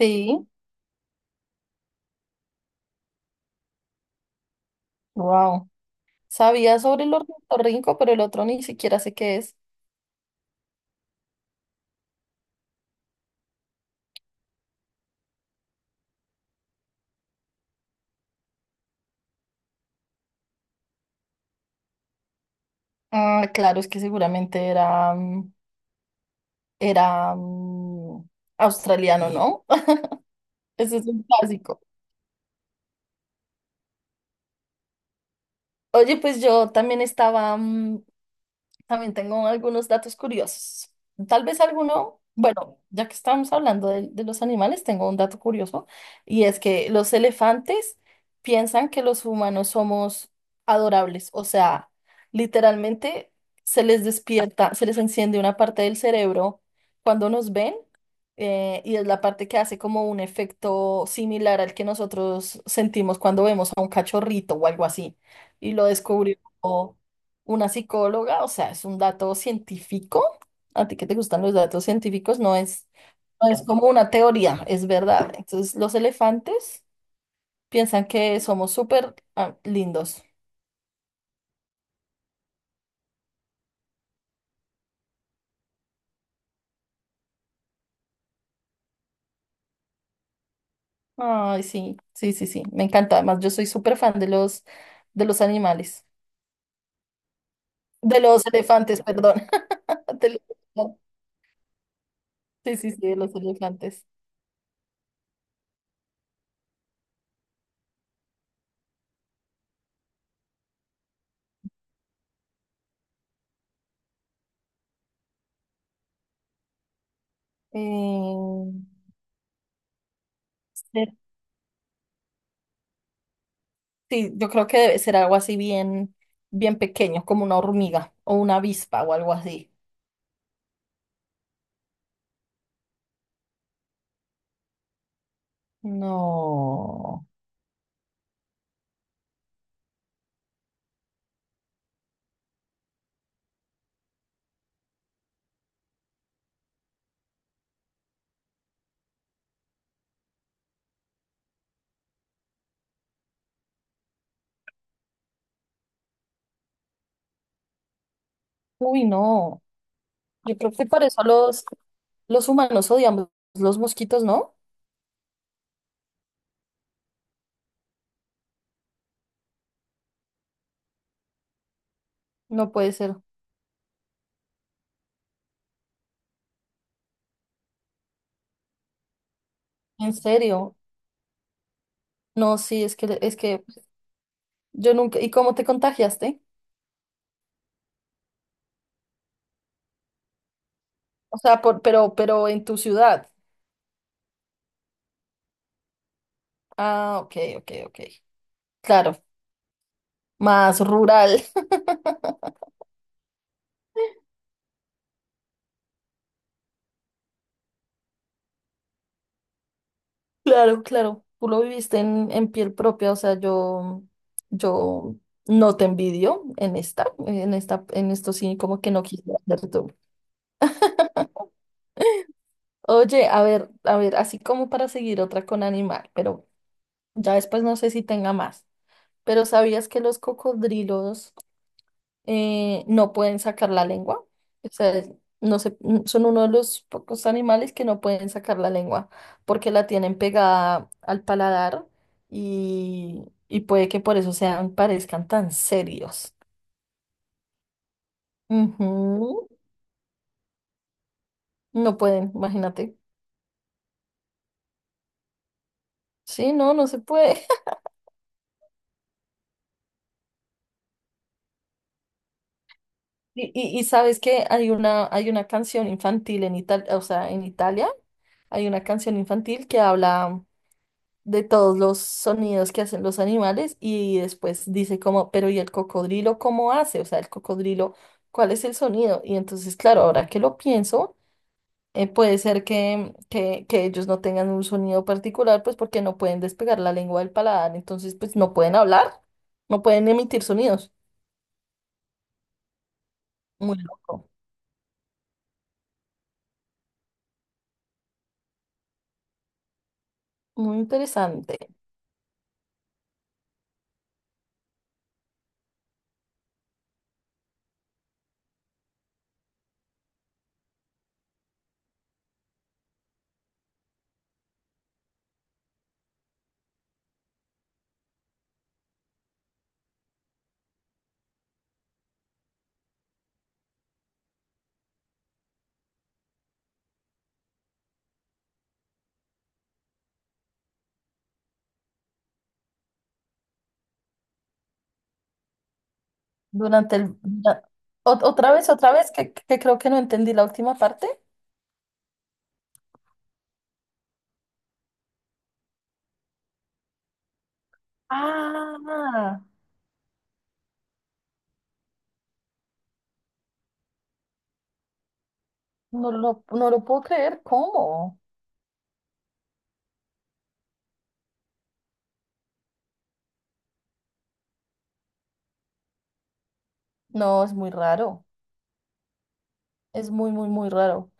Sí, wow. Sabía sobre el ornitorrinco, pero el otro ni siquiera sé qué es. Ah, claro, es que seguramente era, era australiano, ¿no? Ese es un clásico. Oye, pues yo también estaba, también tengo algunos datos curiosos. Tal vez alguno, bueno, ya que estamos hablando de los animales, tengo un dato curioso y es que los elefantes piensan que los humanos somos adorables, o sea, literalmente se les despierta, se les enciende una parte del cerebro cuando nos ven, y es la parte que hace como un efecto similar al que nosotros sentimos cuando vemos a un cachorrito o algo así. Y lo descubrió una psicóloga, o sea, es un dato científico. A ti que te gustan los datos científicos, no es, no es como una teoría, es verdad. Entonces, los elefantes piensan que somos súper lindos. Ay, sí, sí, sí, sí, me encanta. Además, yo soy súper fan de los animales, de los elefantes, perdón. De los- sí, sí, sí, de los elefantes. Eh, ser- sí, yo creo que debe ser algo así bien, bien pequeño, como una hormiga o una avispa o algo así. No. Uy, no. Yo creo que por eso los humanos odiamos los mosquitos, ¿no? No puede ser. En serio. No, sí, es que yo nunca. ¿Y cómo te contagiaste? O sea, por, pero en tu ciudad. Ah, ok, ok, ok. Claro, más rural. Claro, claro. Tú lo viviste en piel propia, o sea, yo no te envidio en esta, en esta, en esto sí, como que no quise hacer. Oye, a ver, así como para seguir otra con animal, pero ya después no sé si tenga más. Pero ¿sabías que los cocodrilos, no pueden sacar la lengua? O sea, no sé, son uno de los pocos animales que no pueden sacar la lengua porque la tienen pegada al paladar y puede que por eso sean, parezcan tan serios. Ujú. No pueden, imagínate. Sí, no, no se puede. Y sabes que hay una canción infantil en Italia, o sea, en Italia hay una canción infantil que habla de todos los sonidos que hacen los animales y después dice como, pero ¿y el cocodrilo cómo hace? O sea, el cocodrilo, ¿cuál es el sonido? Y entonces, claro, ahora que lo pienso, puede ser que ellos no tengan un sonido particular, pues porque no pueden despegar la lengua del paladar, entonces pues no pueden hablar, no pueden emitir sonidos. Muy loco, muy interesante. Durante el... otra vez, otra vez, que creo que no entendí la última parte. Ah, no lo, no lo puedo creer, ¿cómo? No, es muy raro, es muy, muy, muy raro,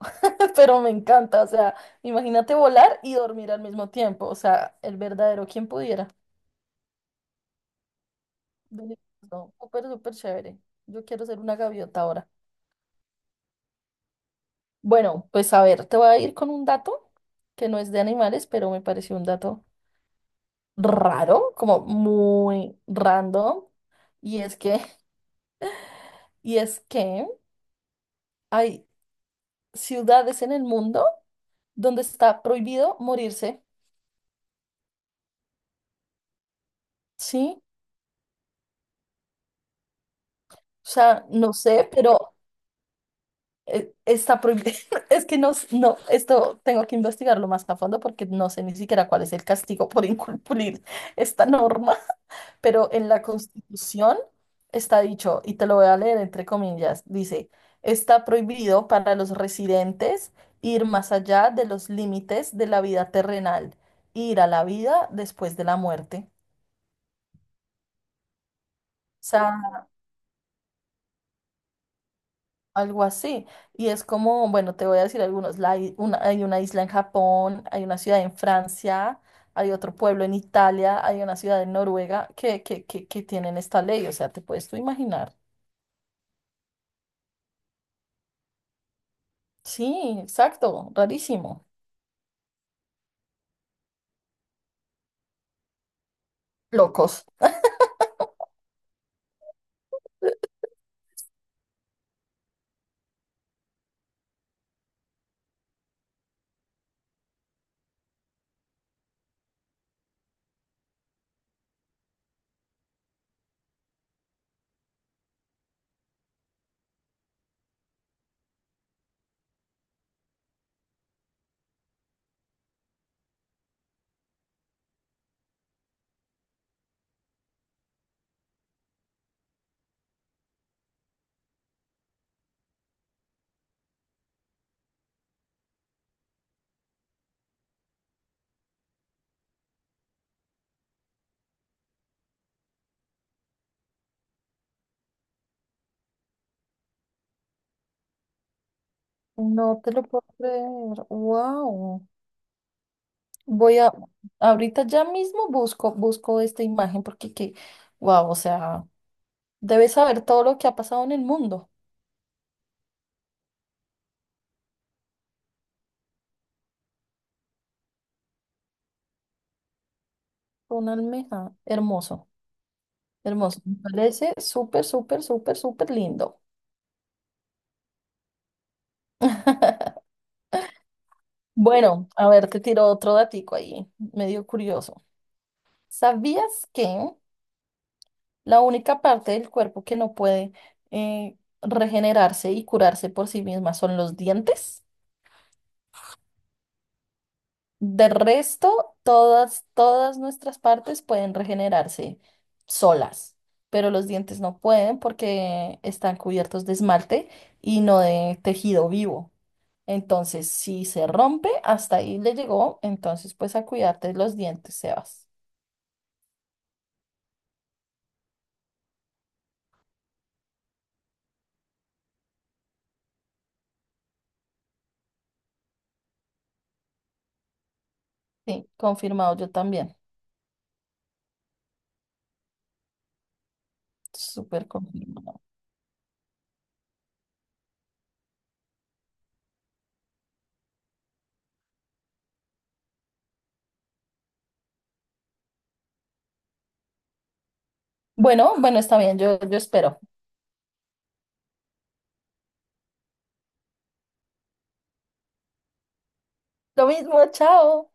pero me encanta, o sea, imagínate volar y dormir al mismo tiempo, o sea, el verdadero quien pudiera. Deli- no, súper, súper chévere. Yo quiero ser una gaviota ahora. Bueno, pues a ver, te voy a ir con un dato que no es de animales, pero me pareció un dato raro, como muy random, y es que, y es que hay ciudades en el mundo donde está prohibido morirse, ¿sí? O sea, no sé, pero está prohibido. Es que no, no, esto tengo que investigarlo más a fondo porque no sé ni siquiera cuál es el castigo por incumplir esta norma. Pero en la Constitución está dicho, y te lo voy a leer entre comillas, dice, está prohibido para los residentes ir más allá de los límites de la vida terrenal, ir a la vida después de la muerte. O sea, algo así. Y es como, bueno, te voy a decir algunos, hay una isla en Japón, hay una ciudad en Francia, hay otro pueblo en Italia, hay una ciudad en Noruega que, que tienen esta ley. O sea, te puedes tú imaginar. Sí, exacto, rarísimo. Locos. No te lo puedo creer. Wow. Voy a, ahorita ya mismo busco, busco esta imagen porque que, wow, o sea, debes saber todo lo que ha pasado en el mundo. Una almeja. Hermoso, hermoso. Me parece súper, súper, súper, súper lindo. Bueno, a ver, te tiro otro datico ahí, medio curioso. ¿Sabías que la única parte del cuerpo que no puede, regenerarse y curarse por sí misma son los dientes? De resto, todas, todas nuestras partes pueden regenerarse solas, pero los dientes no pueden porque están cubiertos de esmalte y no de tejido vivo. Entonces, si se rompe, hasta ahí le llegó. Entonces, pues a cuidarte los dientes, Sebas. Sí, confirmado yo también. Súper confirmado. Bueno, bueno, está bien, yo espero. Lo mismo, chao.